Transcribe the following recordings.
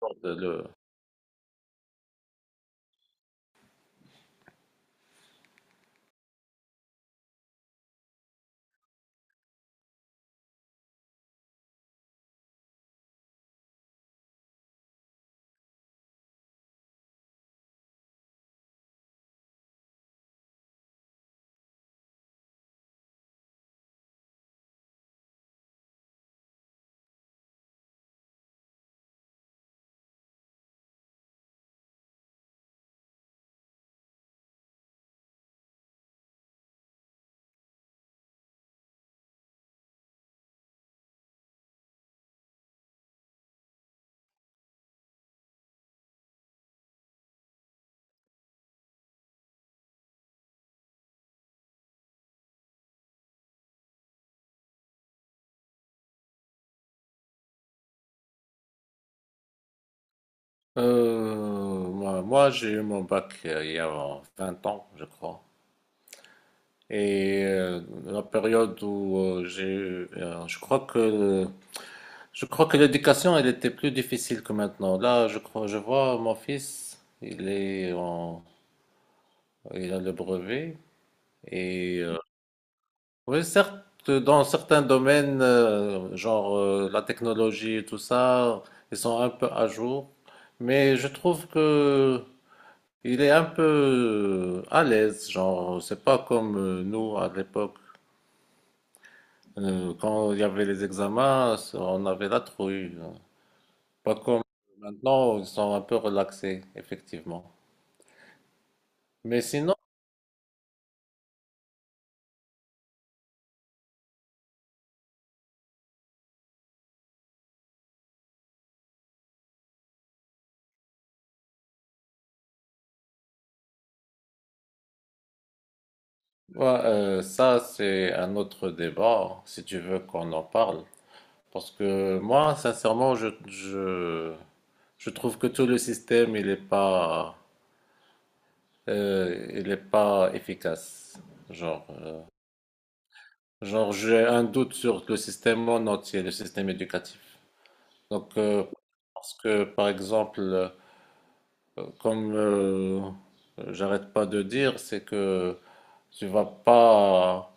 Bordel. Moi, j'ai eu mon bac il y a 20 ans, je crois. Et la période où j'ai eu, je crois que l'éducation, elle était plus difficile que maintenant. Là, je crois, je vois mon fils, il a le brevet. Et oui, certes, dans certains domaines, genre la technologie et tout ça, ils sont un peu à jour. Mais je trouve que Il est un peu à l'aise, genre, c'est pas comme nous à l'époque. Quand il y avait les examens, on avait la trouille. Pas comme maintenant, ils sont un peu relaxés, effectivement. Mais sinon, ouais, ça, c'est un autre débat, si tu veux qu'on en parle. Parce que moi, sincèrement, je trouve que tout le système, il est pas efficace. Genre, euh, Genre, j'ai un doute sur le système en entier, le système éducatif. Donc, parce que, par exemple, comme j'arrête pas de dire, c'est que tu vas pas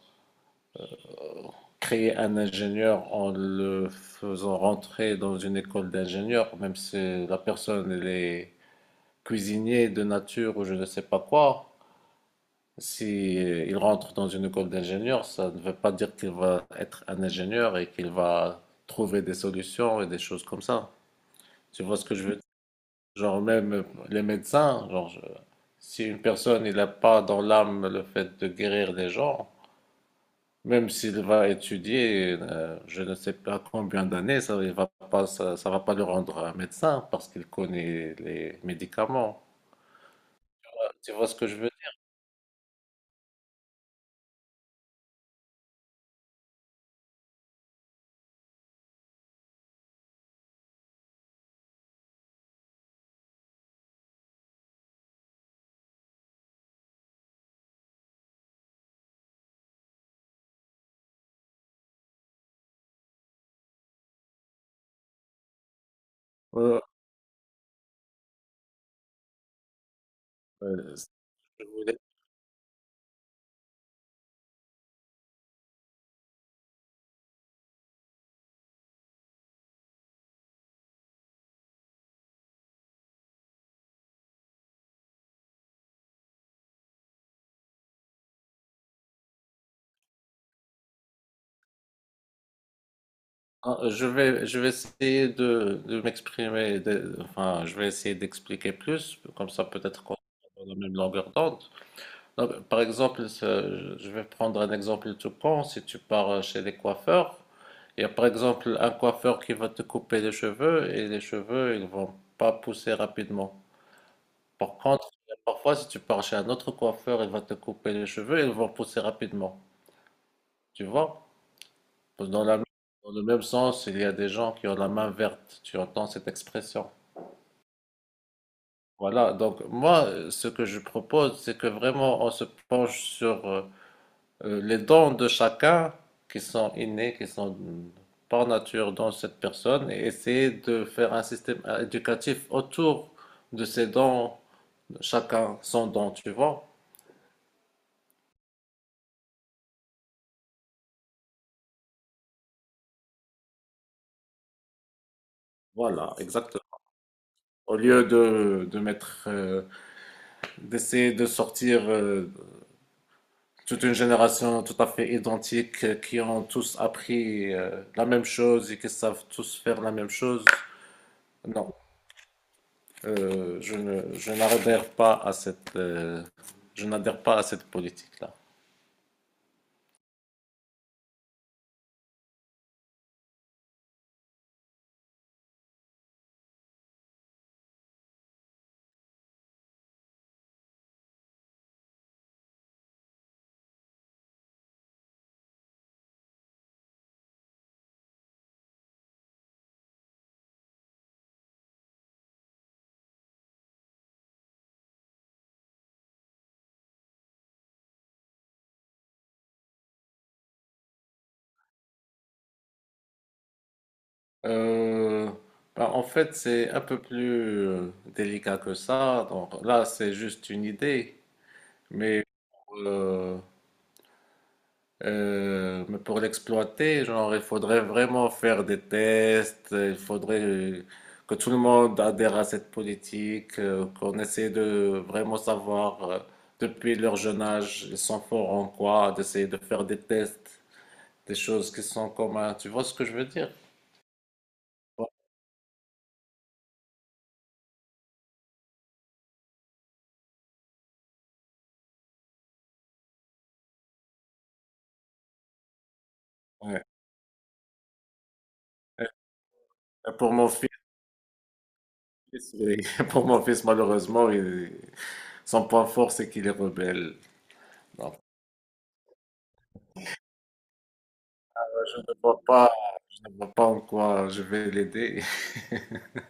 créer un ingénieur en le faisant rentrer dans une école d'ingénieur, même si la personne elle est cuisinier de nature ou je ne sais pas quoi. Si il rentre dans une école d'ingénieur, ça ne veut pas dire qu'il va être un ingénieur et qu'il va trouver des solutions et des choses comme ça. Tu vois ce que je veux dire? Genre même les médecins, si une personne il n'a pas dans l'âme le fait de guérir les gens, même s'il va étudier, je ne sais pas combien d'années, ça va pas le rendre un médecin parce qu'il connaît les médicaments. Tu vois ce que je veux dire? Euh, euh, Ah, je vais essayer de m'exprimer, enfin, je vais essayer d'expliquer plus, comme ça peut-être qu'on est dans la même longueur d'onde. Non, mais par exemple, je vais prendre un exemple tout con. Si tu pars chez les coiffeurs, il y a par exemple un coiffeur qui va te couper les cheveux et les cheveux, ils vont pas pousser rapidement. Par contre, parfois, si tu pars chez un autre coiffeur, il va te couper les cheveux et ils vont pousser rapidement. Tu vois? Dans la- dans le même sens, il y a des gens qui ont la main verte. Tu entends cette expression. Voilà, donc moi, ce que je propose, c'est que vraiment on se penche sur les dons de chacun qui sont innés, par nature dans cette personne, et essayer de faire un système éducatif autour de ces dons, chacun son don, tu vois. Voilà, exactement. Au lieu de mettre, d'essayer de sortir toute une génération tout à fait identique qui ont tous appris la même chose et qui savent tous faire la même chose. Non, je n'adhère pas à je n'adhère pas à cette politique-là. Euh, Bah, en fait, c'est un peu plus délicat que ça. Donc, là, c'est juste une idée, mais euh, mais pour l'exploiter, genre, il faudrait vraiment faire des tests, il faudrait que tout le monde adhère à cette politique, qu'on essaie de vraiment savoir depuis leur jeune âge, ils sont forts en quoi, d'essayer de faire des tests, des choses qui sont communes. Tu vois ce que je veux dire? Ouais. Et pour mon fils, oui. Pour mon fils, malheureusement, son point fort, c'est qu'il est rebelle. Donc, euh, je ne vois pas, je ne vois pas en quoi je vais l'aider.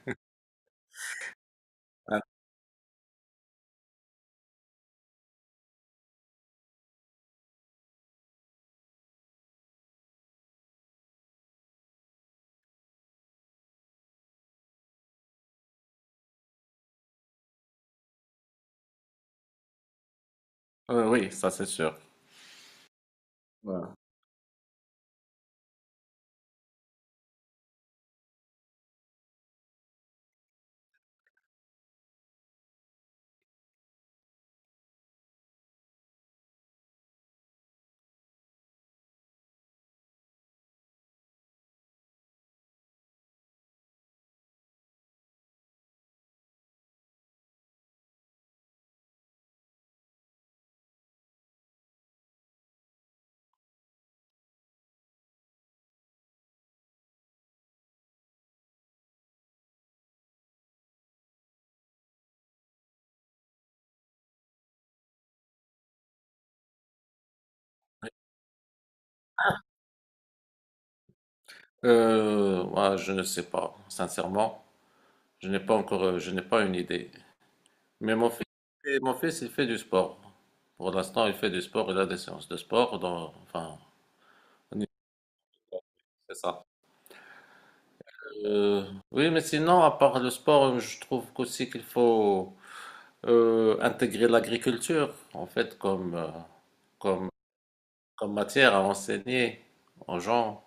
Oui, ça c'est sûr. Voilà. Moi, je ne sais pas, sincèrement. Je n'ai pas encore, je n'ai pas une idée. Mais mon fils, il fait du sport. Pour l'instant, il fait du sport, il a des séances de sport. Enfin, on y- c'est ça. Euh, oui, mais sinon, à part le sport, je trouve qu'aussi qu'il faut intégrer l'agriculture, en fait, comme, comme matière à enseigner aux gens.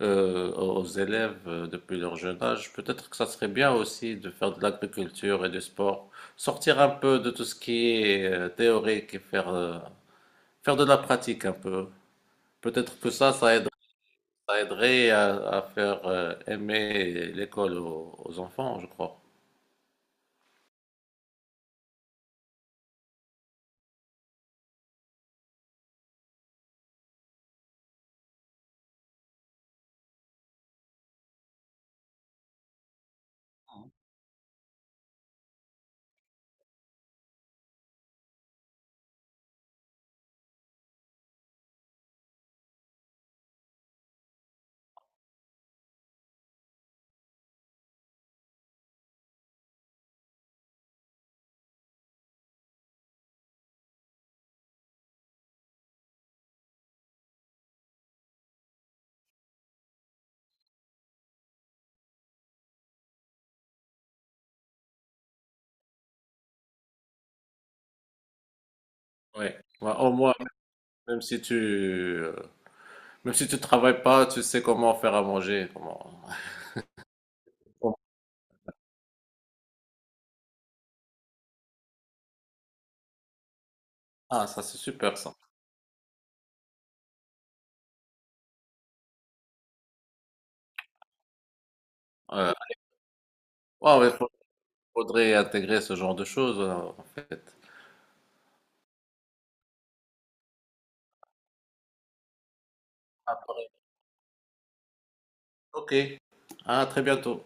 Aux élèves depuis leur jeune âge, peut-être que ça serait bien aussi de faire de l'agriculture et du sport, sortir un peu de tout ce qui est théorique et faire de la pratique un peu. Peut-être que ça aiderait à faire aimer l'école aux, aux enfants, je crois. Oui. Ouais, au moins, même si tu, euh, même si tu travailles pas, tu sais comment faire à manger, comment... Bon. Ah, ça c'est super ça. Ouais, ouais, ouais, faudrait intégrer ce genre de choses en fait. Après. OK. À très bientôt.